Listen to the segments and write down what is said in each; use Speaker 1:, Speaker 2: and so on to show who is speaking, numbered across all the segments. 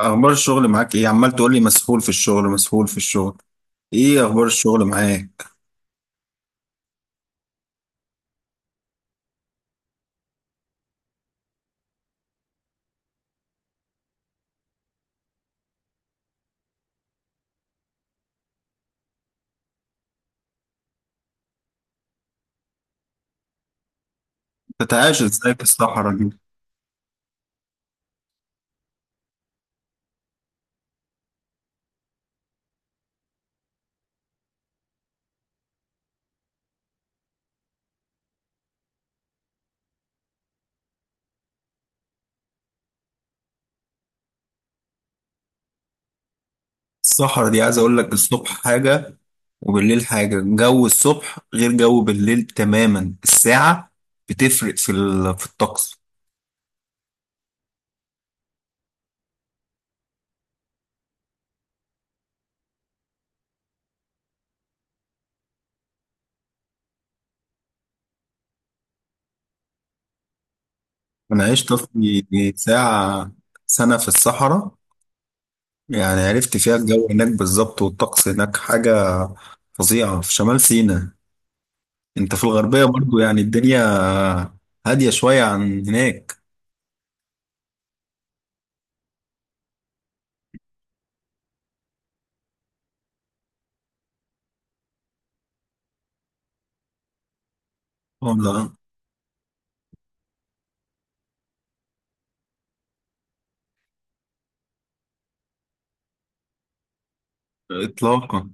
Speaker 1: اخبار الشغل معاك ايه؟ عمال تقول لي مسحول في الشغل، مسحول في الشغل، ايه اخبار الشغل معاك؟ بتعايش ازاي في الصحراء دي؟ الصحراء دي عايز اقول لك الصبح حاجة وبالليل حاجة، جو الصبح غير جو بالليل تماما. الساعة بتفرق في الطقس. انا عشت في ساعة سنة في الصحراء، يعني عرفت فيها الجو هناك بالظبط، والطقس هناك حاجة فظيعة في شمال سيناء. انت في الغربية برضو يعني الدنيا هادية شوية عن هناك. اه، لا، اطلاقا.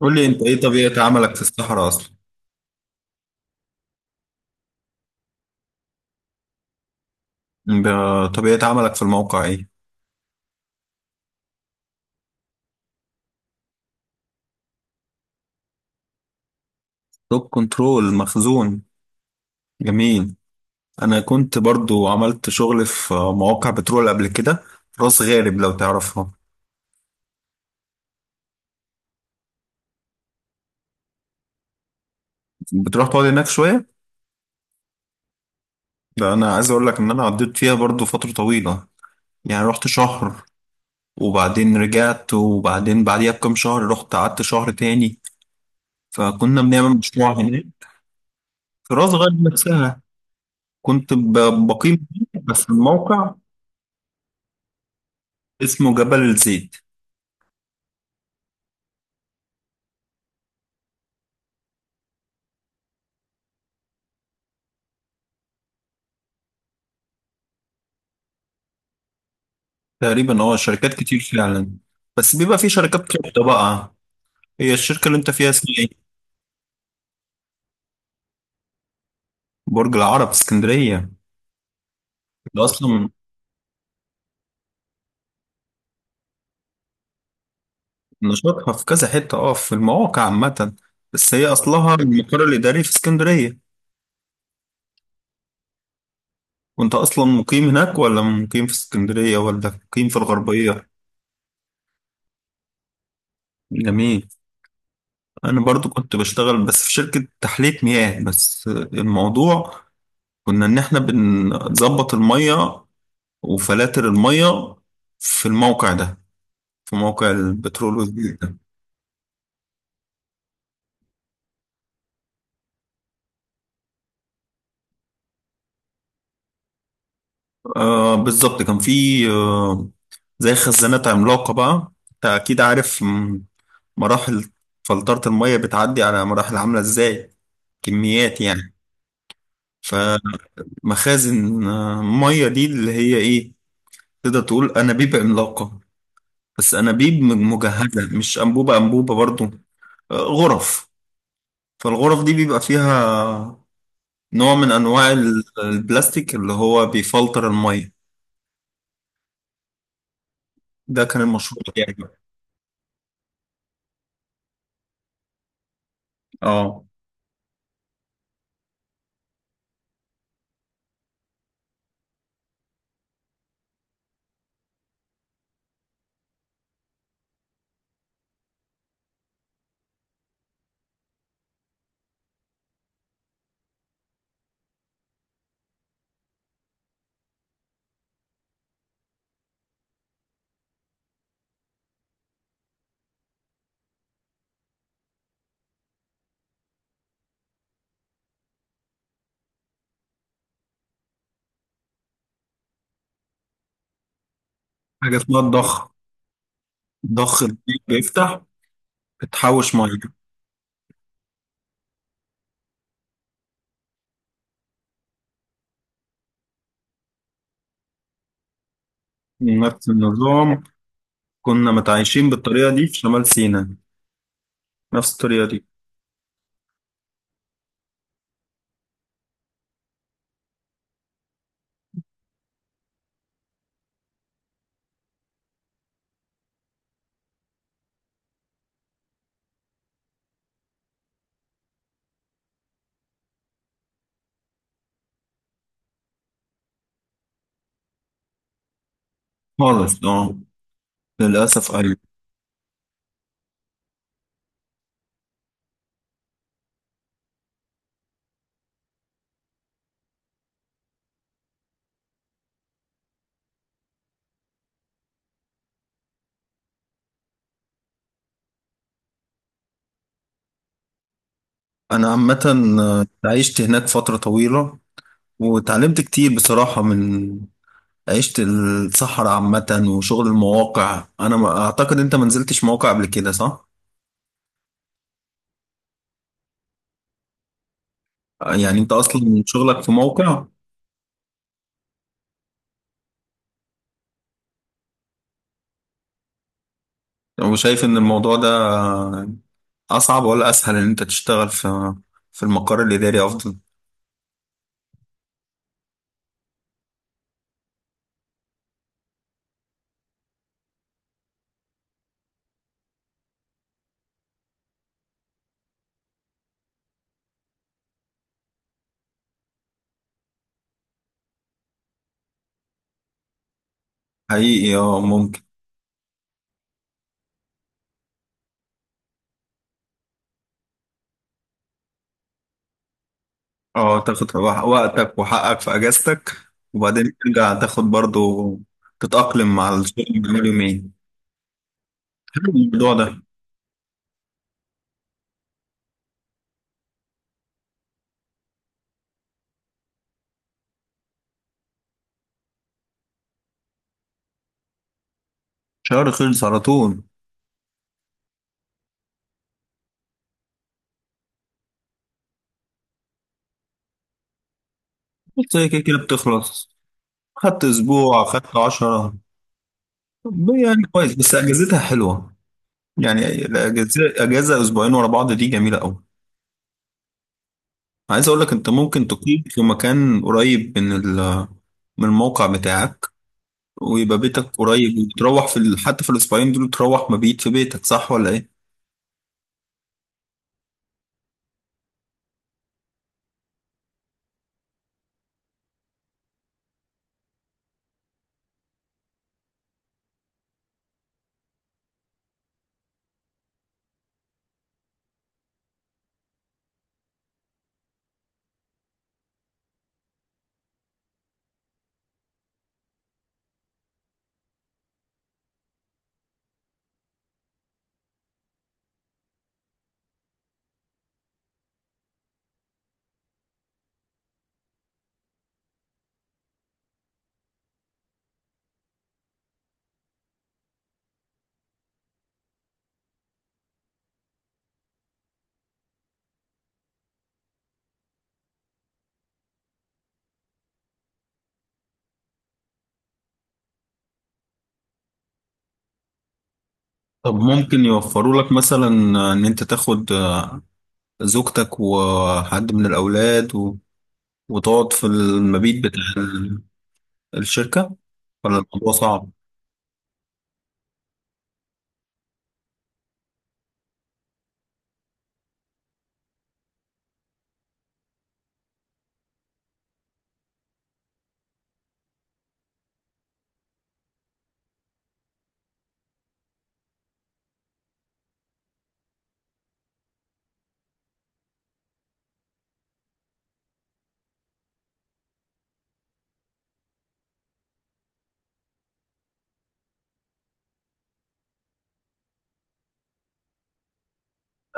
Speaker 1: قول لي انت ايه طبيعة عملك في الصحراء اصلا؟ طبيعة عملك في الموقع ايه؟ توب كنترول مخزون. جميل. انا كنت برضو عملت شغل في مواقع بترول قبل كده، راس غارب لو تعرفها. بتروح تقعد هناك شوية. ده انا عايز اقول لك ان انا قضيت فيها برضو فترة طويلة، يعني رحت شهر وبعدين رجعت، وبعدين بعديها بكام شهر رحت قعدت شهر تاني، فكنا بنعمل مشروع هناك. في راس غارب نفسها. كنت بقيم فيه، بس الموقع اسمه جبل الزيت. تقريبا اه شركات كتير فعلا. بس بيبقى في شركات كبيرة بقى. هي الشركة اللي انت فيها اسمها ايه؟ برج العرب اسكندرية؟ ده اصلا نشاطها في كذا حتة، اه في المواقع عامة، بس هي اصلها المقر الإداري في اسكندرية. وانت اصلا مقيم هناك، ولا مقيم في اسكندرية، ولا مقيم في الغربية؟ جميل. انا برضو كنت بشتغل بس في شركة تحلية مياه، بس الموضوع كنا إن إحنا بنظبط المية وفلاتر المية في الموقع ده، في موقع البترول والجيز ده. آه، بالظبط كان في آه زي خزانات عملاقة بقى، أنت أكيد عارف مراحل فلترة المية بتعدي على مراحل عاملة إزاي، كميات يعني، فمخازن. مية دي اللي هي إيه، تقدر تقول أنابيب عملاقة، بس أنابيب مجهزة، مش أنبوبة أنبوبة برضو. غرف. فالغرف دي بيبقى فيها نوع من انواع البلاستيك اللي هو بيفلتر الميه. ده كان المشروع بتاعي بقى. اه، حاجه اسمها الضخ، ضخ البيت بيفتح بتحوش ميه. نفس النظام، كنا متعايشين بالطريقه دي في شمال سيناء، نفس الطريقه دي. خالص، اه. للاسف، ايوه. انا عامه عشت هناك فتره طويله، وتعلمت كتير بصراحه من عشت الصحراء عامة وشغل المواقع. أنا ما أعتقد أنت ما نزلتش مواقع قبل كده، صح؟ يعني أنت أصلا شغلك في موقع. وشايف إن الموضوع ده أصعب ولا أسهل، إن أنت تشتغل في المقر الإداري أفضل؟ حقيقي أه ممكن. أه تاخد وقتك وحقك في أجازتك، وبعدين ترجع تاخد برضو تتأقلم مع الشغل بقاله يومين. حلو الموضوع ده. شهر خلص على طول. بس هي كده كده بتخلص. خدت أسبوع خدت عشرة. طب يعني كويس بس اجازتها حلوه، يعني الاجازه اجازه اسبوعين ورا بعض دي جميله قوي. عايز اقول لك انت ممكن تقيم في مكان قريب من من الموقع بتاعك، ويبقى بيتك قريب، وتروح حتى في الاسبوعين دول تروح مبيت في بيتك، صح ولا ايه؟ طب ممكن يوفروا لك مثلا ان انت تاخد زوجتك وحد من الاولاد وتقعد في المبيت بتاع الشركه، ولا الموضوع صعب؟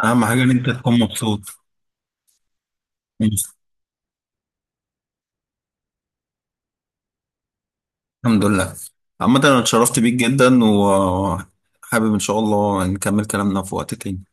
Speaker 1: اهم حاجه ان انت تكون مبسوط. الحمد لله. عامة أنا اتشرفت بيك جدا، وحابب إن شاء الله نكمل كلامنا في وقت تاني.